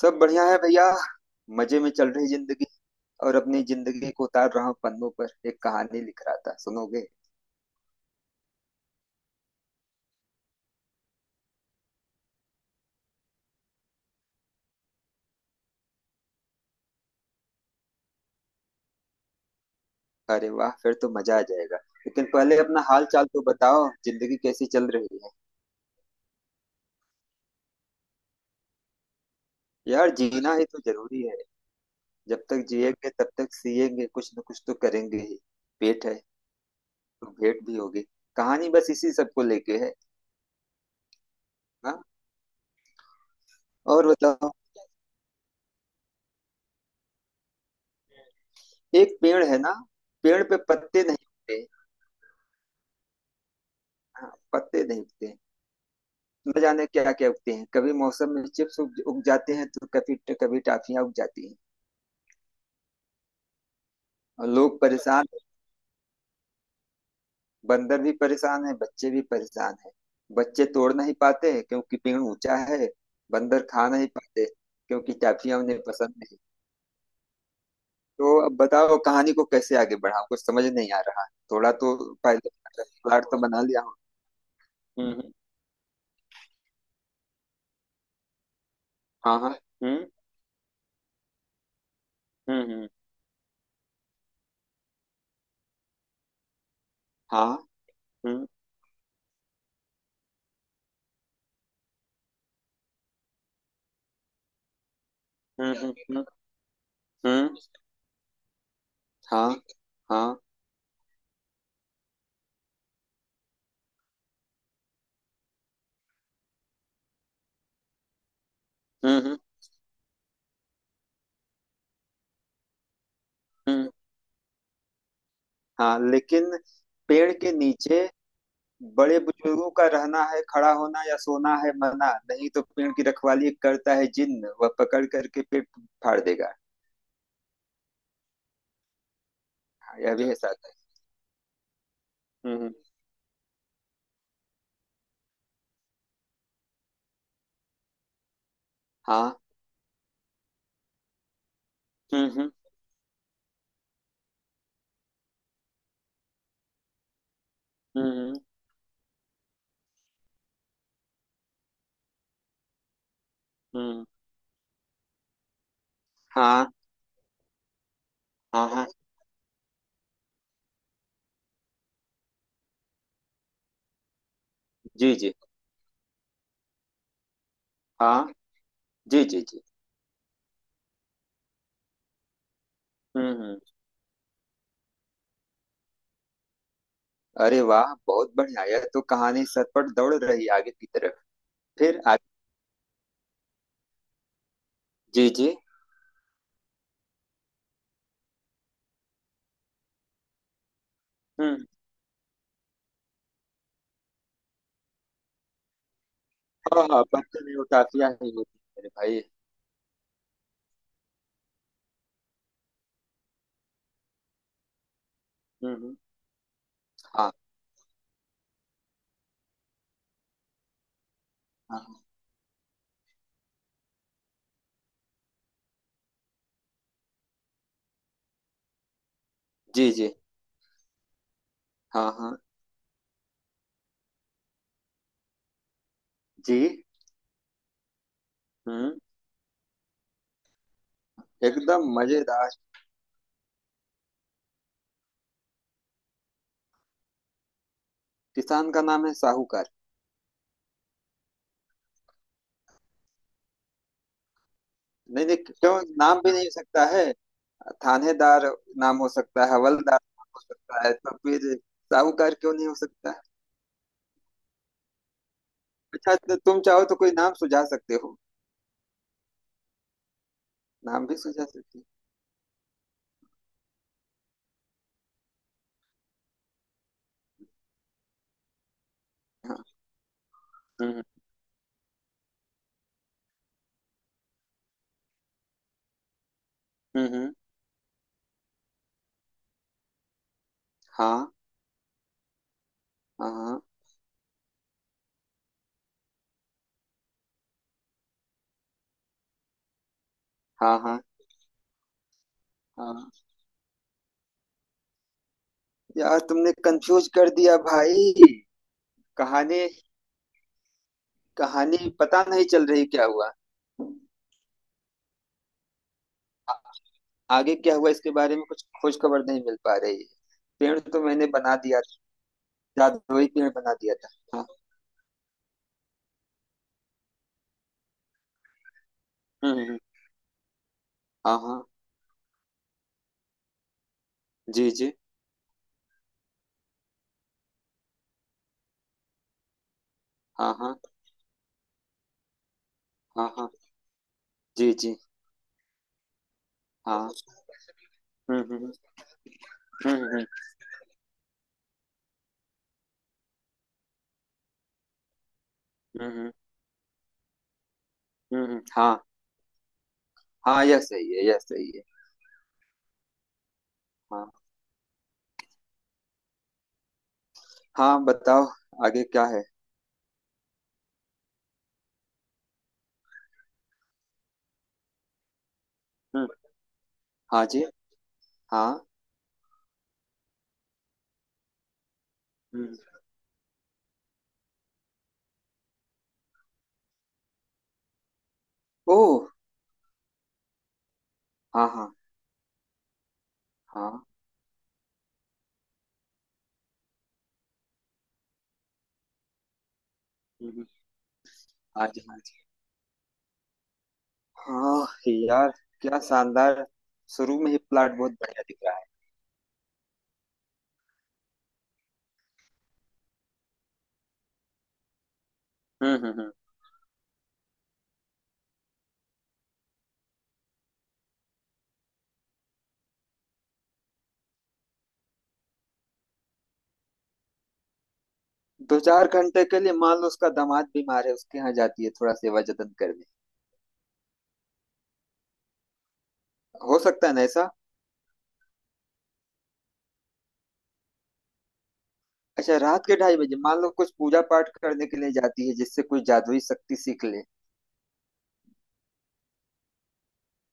सब बढ़िया है भैया। मजे में चल रही जिंदगी। और अपनी जिंदगी को उतार रहा हूँ पन्नों पर, एक कहानी लिख रहा था, सुनोगे? अरे वाह, फिर तो मजा आ जाएगा। लेकिन पहले अपना हाल चाल तो बताओ, जिंदगी कैसी चल रही है? यार, जीना ही तो जरूरी है। जब तक जिएंगे तब तक सिएंगे, कुछ न कुछ तो करेंगे ही। पेट है तो भेंट भी होगी। कहानी बस इसी सबको लेके है। हाँ, और बताओ। एक पेड़ है ना, पेड़ पे पत्ते नहीं होते। हाँ, पत्ते नहीं होते। न जाने क्या क्या उगते हैं, कभी मौसम में चिप्स उग जाते हैं, तो कभी कभी टाफियां उग जाती हैं। और लोग परेशान, बंदर भी परेशान है, बच्चे भी परेशान है। बच्चे तोड़ नहीं पाते क्योंकि पेड़ ऊंचा है। बंदर खा नहीं पाते क्योंकि टाफियां उन्हें पसंद नहीं। तो अब बताओ कहानी को कैसे आगे बढ़ाऊं, कुछ समझ नहीं आ रहा। थोड़ा तो पहले प्लाट तो बना लिया हूँ। हम्म। हाँ हाँ। हम्म हम्म। हाँ। हम्म हम्म हम्म हम्म। हाँ हाँ। हम्म हम्म हम्म। हाँ, लेकिन पेड़ के नीचे बड़े बुजुर्गों का रहना है, खड़ा होना या सोना है मना, नहीं तो पेड़ की रखवाली करता है जिन्न, वह पकड़ करके पेड़ फाड़ देगा। हाँ, यह भी है, साथ है। हम्म। हाँ। हम्म हम्म हम्म हम्म, हम्म। हाँ हाँ। हाँ। जी जी। हाँ। जी जी जी। हम्म। अरे वाह, बहुत बढ़िया, यह तो कहानी सरपट दौड़ रही आगे की तरफ। फिर जी जी। हम्म। हाँ हाँ, बचपन में वो काफिया ही होती है, मेरे भाई। हम्म। हाँ हाँ। हाँ। जी जी। हाँ हाँ। जी। हम्म। एकदम मजेदार। किसान का नाम है साहूकार। नहीं नहीं, क्यों नाम भी नहीं हो सकता है? थानेदार नाम हो सकता है, हवलदार नाम हो सकता है, तो फिर साहूकार क्यों नहीं हो सकता? अच्छा, तो तुम चाहो तो कोई नाम सुझा सकते हो, नाम भी सुझा सकते हो। हाँ। हम्म हम्म। हाँ हाँ। हाँ हाँ। हाँ हाँ। यार तुमने कंफ्यूज कर दिया, भाई। कहानी कहानी पता नहीं चल रही, क्या हुआ? आगे क्या हुआ इसके बारे में कुछ खोज खबर नहीं मिल पा रही है। पेड़ तो मैंने बना दिया, जादुई पेड़ बना दिया था। हाँ। हम्म। हाँ हाँ। जी जी। हाँ हाँ हाँ हाँ। जी जी। हाँ। हम्म हम्म हम्म हम्म हम्म हम्म, हम्म, हम्म। हाँ, हाँ यह सही है, यह सही है। हाँ। हाँ बताओ, आगे क्या है? हम्म। हाँ जी। हाँ। हम्म। ओह। हाँ हाँ हाँ। हम्म। हाँ जी हाँ जी। हाँ यार, क्या शानदार। शुरू में ही प्लाट बहुत बढ़िया दिख रहा है। हम्म। दो चार घंटे के लिए मान लो उसका दामाद बीमार है, उसके यहाँ जाती है थोड़ा सेवा जतन करने। हो सकता है ना ऐसा? अच्छा, रात के ढाई बजे मान लो कुछ पूजा पाठ करने के लिए जाती है, जिससे कोई जादुई शक्ति सीख ले।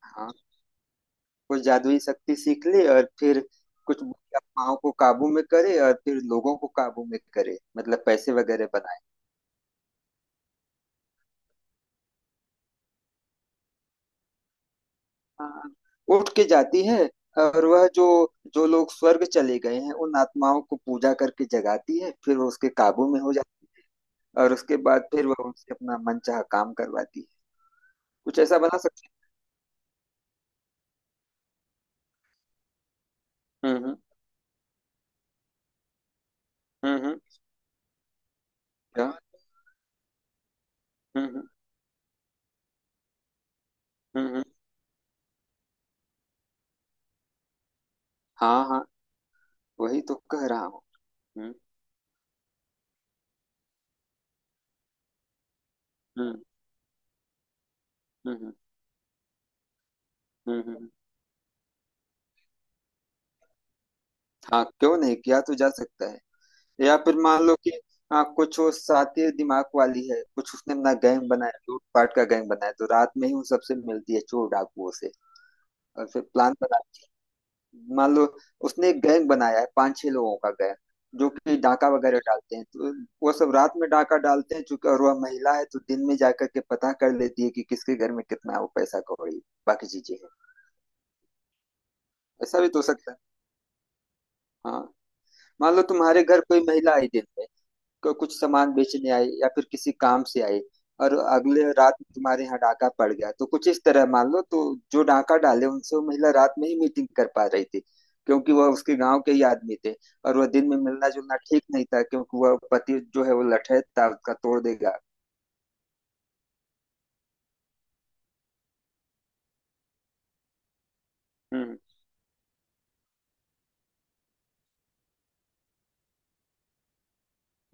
हाँ, कोई जादुई शक्ति सीख ले और फिर कुछ बुरी आत्माओं को काबू में करे और फिर लोगों को काबू में करे, मतलब पैसे वगैरह बनाए। हाँ। उठ के जाती है, और वह जो जो लोग स्वर्ग चले गए हैं उन आत्माओं को पूजा करके जगाती है, फिर वो उसके काबू में हो जाती है। और उसके बाद फिर वह उनसे अपना मनचाहा काम करवाती है। कुछ ऐसा बना सकते हैं। हम्म हम्म, क्या? हम्म हम्म हम्म हम्म, हाँ हाँ, वही तो कह रहा हूँ। हम्म। हम्म हम्म हम्म हम्म, हम्म। हाँ, क्यों नहीं, किया तो जा सकता है। या फिर मान लो कि, हाँ, कुछ वो सातिर दिमाग वाली है, कुछ उसने अपना गैंग बनाया, लूटपाट का गैंग बनाया, तो रात में ही वो सबसे मिलती है, चोर डाकुओं से, और फिर प्लान बनाती है। मान लो उसने एक गैंग बनाया है, पांच छह लोगों का गैंग, जो कि डाका वगैरह डालते हैं, तो वो सब रात में डाका डालते हैं, चूंकि और वह महिला है तो दिन में जाकर के पता कर लेती है कि किसके घर में कितना है, वो पैसा कौड़ी बाकी चीजें है। ऐसा भी तो हो सकता है। हाँ। मान लो तुम्हारे घर कोई महिला आई दिन में, को कुछ सामान बेचने आई या फिर किसी काम से आई, और अगले रात तुम्हारे यहाँ डाका पड़ गया, तो कुछ इस तरह मान लो। तो जो डाका डाले उनसे वो महिला रात में ही मीटिंग कर पा रही थी, क्योंकि वह उसके गांव के ही आदमी थे, और वह दिन में मिलना जुलना ठीक नहीं था क्योंकि वह पति जो है वो लठैत था, उसका तोड़ देगा। हम्म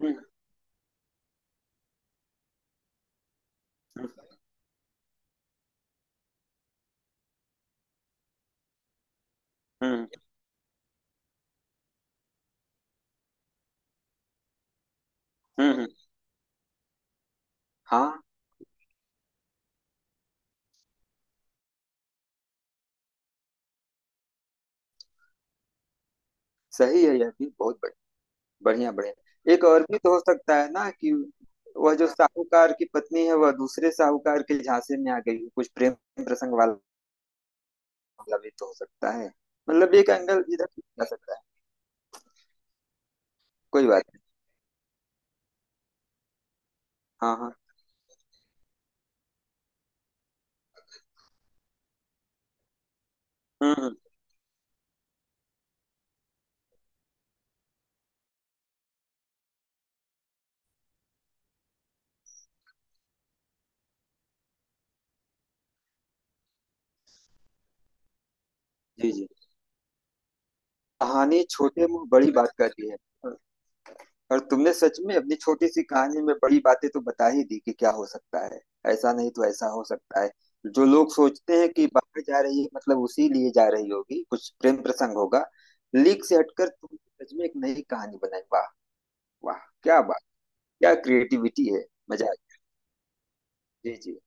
हम्म हम्म हम्म हम्म, हाँ सही है, यह भी बहुत बढ़िया बढ़िया। एक और भी तो हो सकता है ना कि वह जो साहूकार की पत्नी है वह दूसरे साहूकार के झांसे में आ गई हो, कुछ प्रेम प्रसंग वाला। मतलब ये तो हो सकता है, मतलब एक एंगल इधर भी जा सकता है। कोई बात नहीं। हाँ हाँ। हम्म हम्म, जी जी। कहानी छोटे मुंह बड़ी बात कहती है। और तुमने सच में अपनी छोटी सी कहानी में बड़ी बातें तो बता ही दी कि क्या हो सकता है, ऐसा नहीं तो ऐसा हो सकता है। जो लोग सोचते हैं कि बाहर जा रही है, मतलब उसी लिए जा रही होगी, कुछ प्रेम प्रसंग होगा। लीक से हटकर तुमने सच में एक नई कहानी बनाई, वाह। वाह क्या बात, क्या क्रिएटिविटी है। मजा आ गया। जी जी।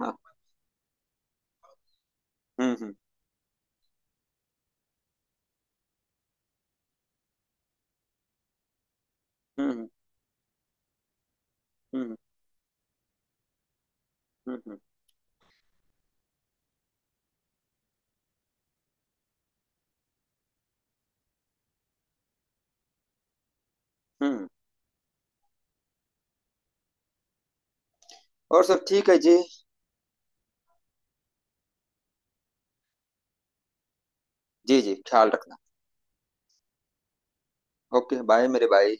हाँ। हम्म हम्म हम्म हम्म हम्म हम्म हम्म, हम्म। और सब ठीक है जी। जी, जी, ख्याल रखना। ओके, बाय मेरे भाई।